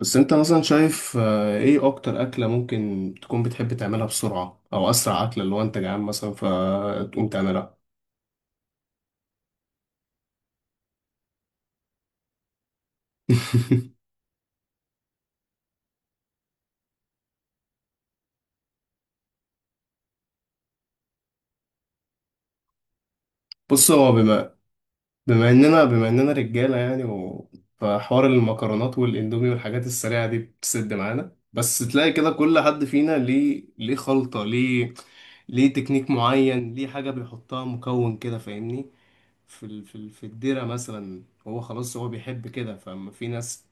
بس انت مثلا شايف، ايه اكتر اكلة ممكن تكون بتحب تعملها بسرعة او اسرع اكلة اللي هو انت جعان مثلا فتقوم تعملها؟ بص، هو بما اننا رجالة يعني. فحوار المكرونات والاندومي والحاجات السريعة دي بتسد معانا، بس تلاقي كده كل حد فينا ليه خلطة، ليه تكنيك معين، ليه حاجة بيحطها مكون كده، فاهمني؟ في الديرة مثلا هو خلاص هو بيحب كده. فما في ناس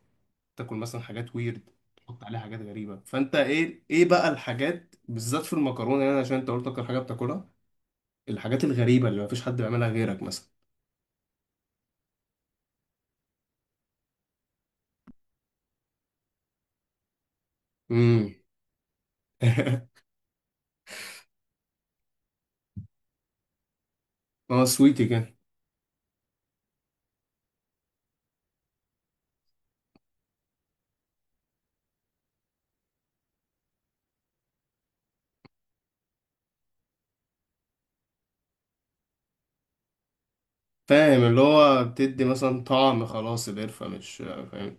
تاكل مثلا حاجات ويرد تحط عليها حاجات غريبة. فانت ايه بقى الحاجات بالذات في المكرونة يعني، عشان انت قلت اكتر حاجة بتاكلها؟ الحاجات الغريبة اللي مفيش حد بيعملها غيرك مثلا. امم. اه، سويتي كده. فاهم، اللي هو بتدي مثلا طعم، خلاص القرفة مش. فاهم.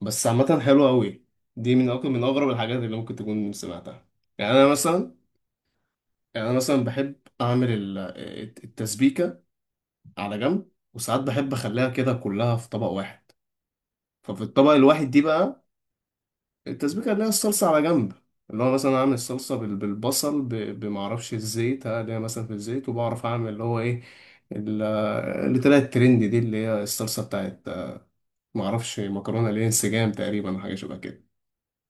بس عامة حلوة أوي. دي من أكتر من أغرب الحاجات اللي ممكن تكون سمعتها. يعني أنا مثلا يعني أنا مثلا بحب أعمل التسبيكة على جنب، وساعات بحب أخليها كده كلها في طبق واحد. ففي الطبق الواحد دي بقى، التسبيكة اللي هي الصلصة على جنب، اللي هو مثلا أعمل الصلصة بالبصل، بمعرفش الزيت، اللي هي مثلا في الزيت، وبعرف أعمل اللي هو إيه، ال- اللي طلعت ترند دي، اللي هي الصلصة بتاعت معرفش مكرونة، اللي هي انسجام تقريبا، حاجة شبه كده.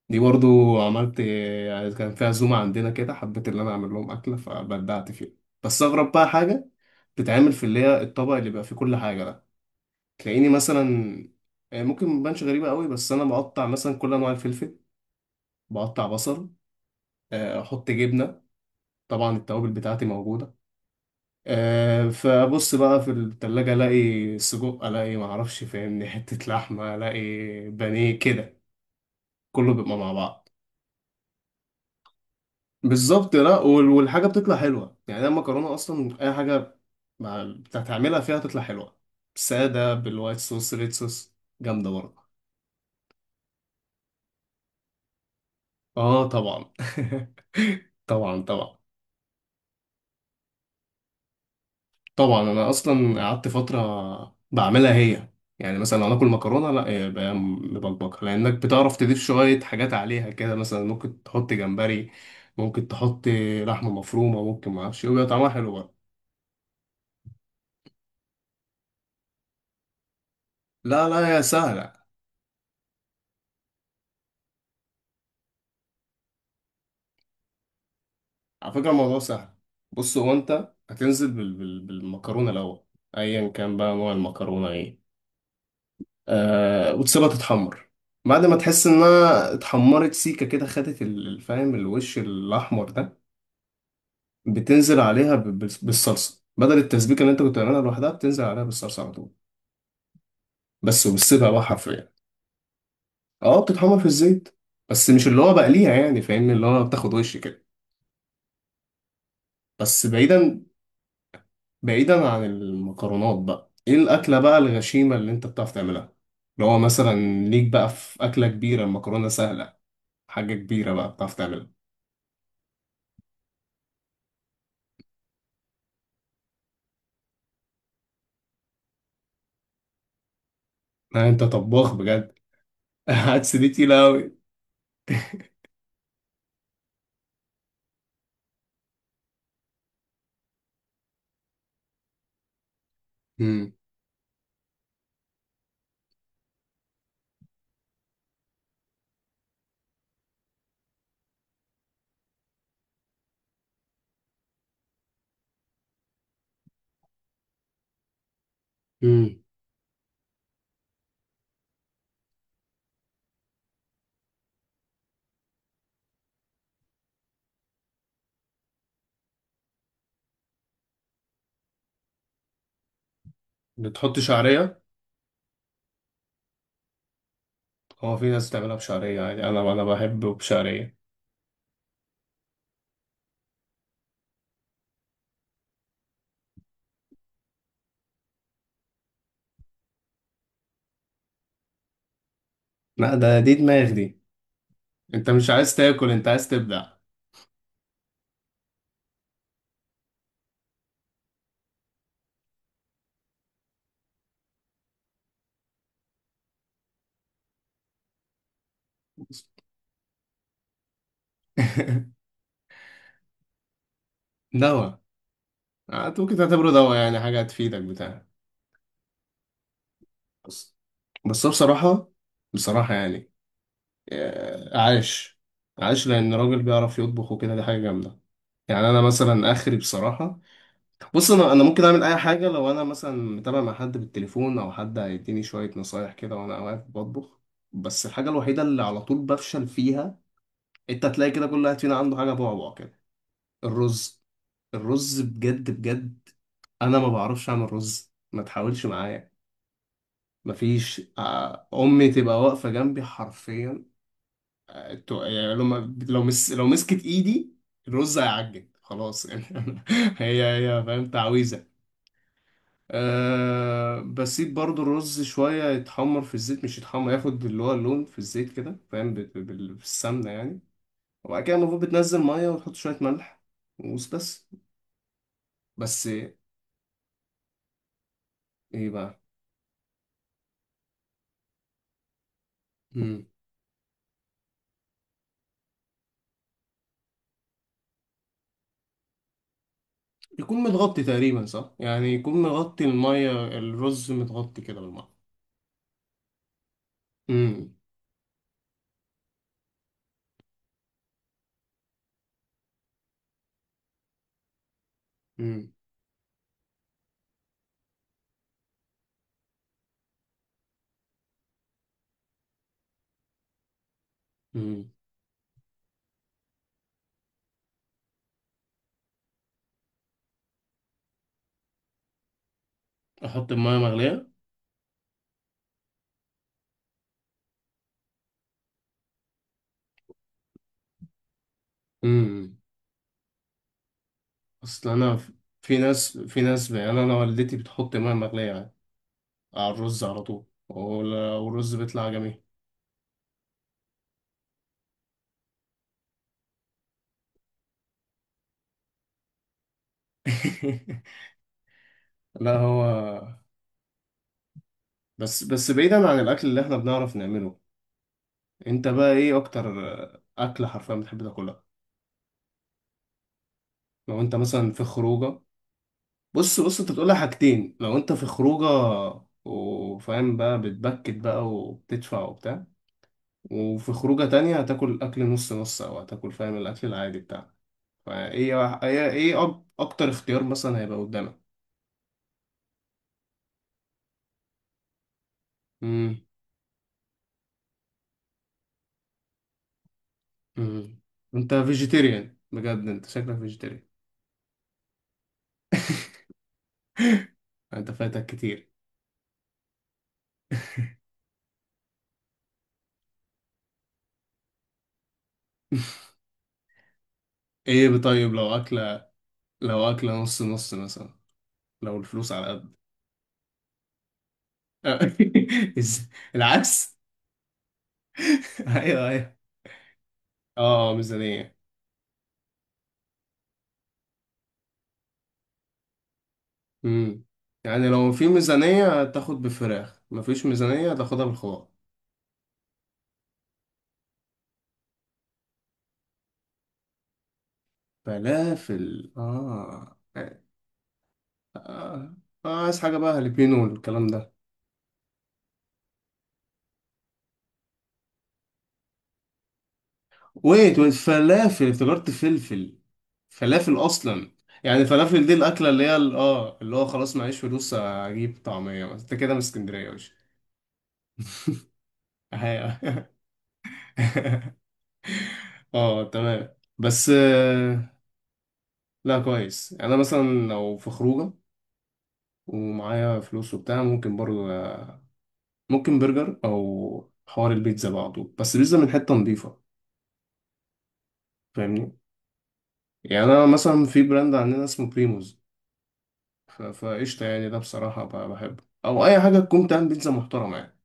دي برضو عملت، يعني كان فيها عزومة عندنا كده، حبيت إن أنا أعمل لهم أكلة فبدعت فيها. بس أغرب بقى حاجة بتتعمل في اللي هي الطبق اللي بيبقى فيه كل حاجة ده، تلاقيني مثلا، يعني ممكن مبانش غريبة قوي، بس أنا بقطع مثلا كل أنواع الفلفل، بقطع بصل، احط جبنه. طبعا التوابل بتاعتي موجوده. فبص بقى في التلاجة الاقي سجق، الاقي معرفش، فاهمني، حته لحمه، الاقي بانيه كده. كله بيبقى مع بعض. بالظبط. لا والحاجه بتطلع حلوه يعني، أنا المكرونه اصلا اي حاجه مع بتعملها فيها تطلع حلوه. ساده، بالوايت صوص، ريد صوص، جامده برضه. اه طبعا. طبعا، طبعا. طبعا انا اصلا قعدت فتره بعملها هي. يعني مثلا لو ناكل مكرونه لا يبقى مبكبكه، لانك بتعرف تضيف شويه حاجات عليها كده، مثلا ممكن تحط جمبري، ممكن تحط لحمه مفرومه، ممكن ما اعرفش ويبقى طعمها حلو برضه. لا لا، يا سهله. على فكره الموضوع سهل. بص، هو انت هتنزل بالمكرونه الاول، ايا كان بقى نوع المكرونه ايه. وتسيبها تتحمر، بعد ما تحس انها اتحمرت سيكه كده، خدت الفاهم، الوش الاحمر ده، بتنزل عليها بالصلصه، بدل التسبيكه اللي انت كنت بتعملها لوحدها، بتنزل عليها بالصلصه على طول بس. وبالسبع بقى حرفيا. اه، بتتحمر في الزيت، بس مش اللي هو بقليها يعني، فاهمني، اللي هو بتاخد وش كده بس. بعيدا عن المكرونات بقى، ايه الاكله بقى الغشيمه اللي انت بتعرف تعملها، اللي هو مثلا، ليك بقى في اكله كبيره؟ المكرونه سهله، حاجه كبيره بقى بتعرف تعملها. ها، انت طباخ بجد. هتسلي تقيله قوي. امم. بتحط شعريه؟ هو في ناس تعملها بشعرية عادي، أنا بحبه بشعرية. لا ده، دي دماغ دي. أنت مش عايز تاكل، أنت عايز تبدع. دواء. ممكن تعتبره دواء يعني، حاجة هتفيدك بتاع. بس بس هو بصراحة يعني، عاش. عاش لأن راجل بيعرف يطبخ وكده دي حاجة جامدة. يعني أنا مثلا آخري بصراحة، بص، أنا ممكن أعمل أي حاجة لو أنا مثلا متابع مع حد بالتليفون، أو حد هيديني شوية نصايح كده وأنا واقف بطبخ. بس الحاجة الوحيدة اللي على طول بفشل فيها، انت هتلاقي كده كل واحد فينا عنده حاجه بعبع كده. الرز. الرز بجد بجد. انا ما بعرفش اعمل رز، ما تحاولش معايا. مفيش، امي تبقى واقفه جنبي حرفيا. يعني لو ما- لو مس لو مسكت ايدي الرز هيعجن خلاص يعني. هي هي فاهم تعويذه. أه، بسيب برضو الرز شوية يتحمر في الزيت، مش يتحمر، ياخد اللي هو اللون في الزيت كده، فاهم، بالسمنة يعني. وبعد كده المفروض بتنزل مية وتحط شوية ملح وبس. بس ايه بقى؟ مم. يكون متغطي تقريبا صح يعني، يكون مغطي، المية الرز متغطي كده بالمية. امم. امم. امم. احط المية مغلية؟ امم. اصل انا في ناس يعني، انا والدتي بتحط مية مغلية على الرز على طول، والرز بيطلع جميل. لا هو، بس بعيدا عن الاكل اللي احنا بنعرف نعمله، انت بقى ايه اكتر اكلة حرفيا بتحب تاكلها لو انت مثلا في خروجه؟ بص، بص انت بتقولها حاجتين، لو انت في خروجه وفاهم بقى بتبكت بقى وبتدفع وبتاع، وفي خروجه تانية هتاكل اكل نص نص، او هتاكل فاهم الاكل العادي بتاعك. ايه اكتر اختيار مثلا هيبقى قدامك؟ امم. امم. انت فيجيتيريان بجد، انت شكلك فيجيتيريان. انت فايتك كتير. ايه طيب، لو اكله نص نص مثلا، لو الفلوس على قد. إز- العكس. ايوه، ايوه. اه، ميزانية. امم. يعني لو في ميزانية تاخد بفراخ، مفيش ميزانية تاخدها بالخضار. فلافل. آه. آه. عايز حاجة بقى هالبينو والكلام ده. ويت، ويت، فلافل افتكرت فلفل. فلافل أصلا. يعني فلافل دي الأكلة اللي هي اللي هو خلاص معيش فلوس أجيب طعمية. بس أنت كده من اسكندرية يا باشا. أهي. اه تمام. بس، لا كويس يعني، أنا مثلا لو في خروجة ومعايا فلوس وبتاع ممكن برضه، ممكن برجر او حوار البيتزا بعضه، بس بيتزا من حته نظيفه فاهمني. يعني انا مثلا في براند عندنا اسمه بريموز، فقشطه يعني ده بصراحه، بحبه، او اي حاجه تكون بتعمل بيتزا محترمه يعني.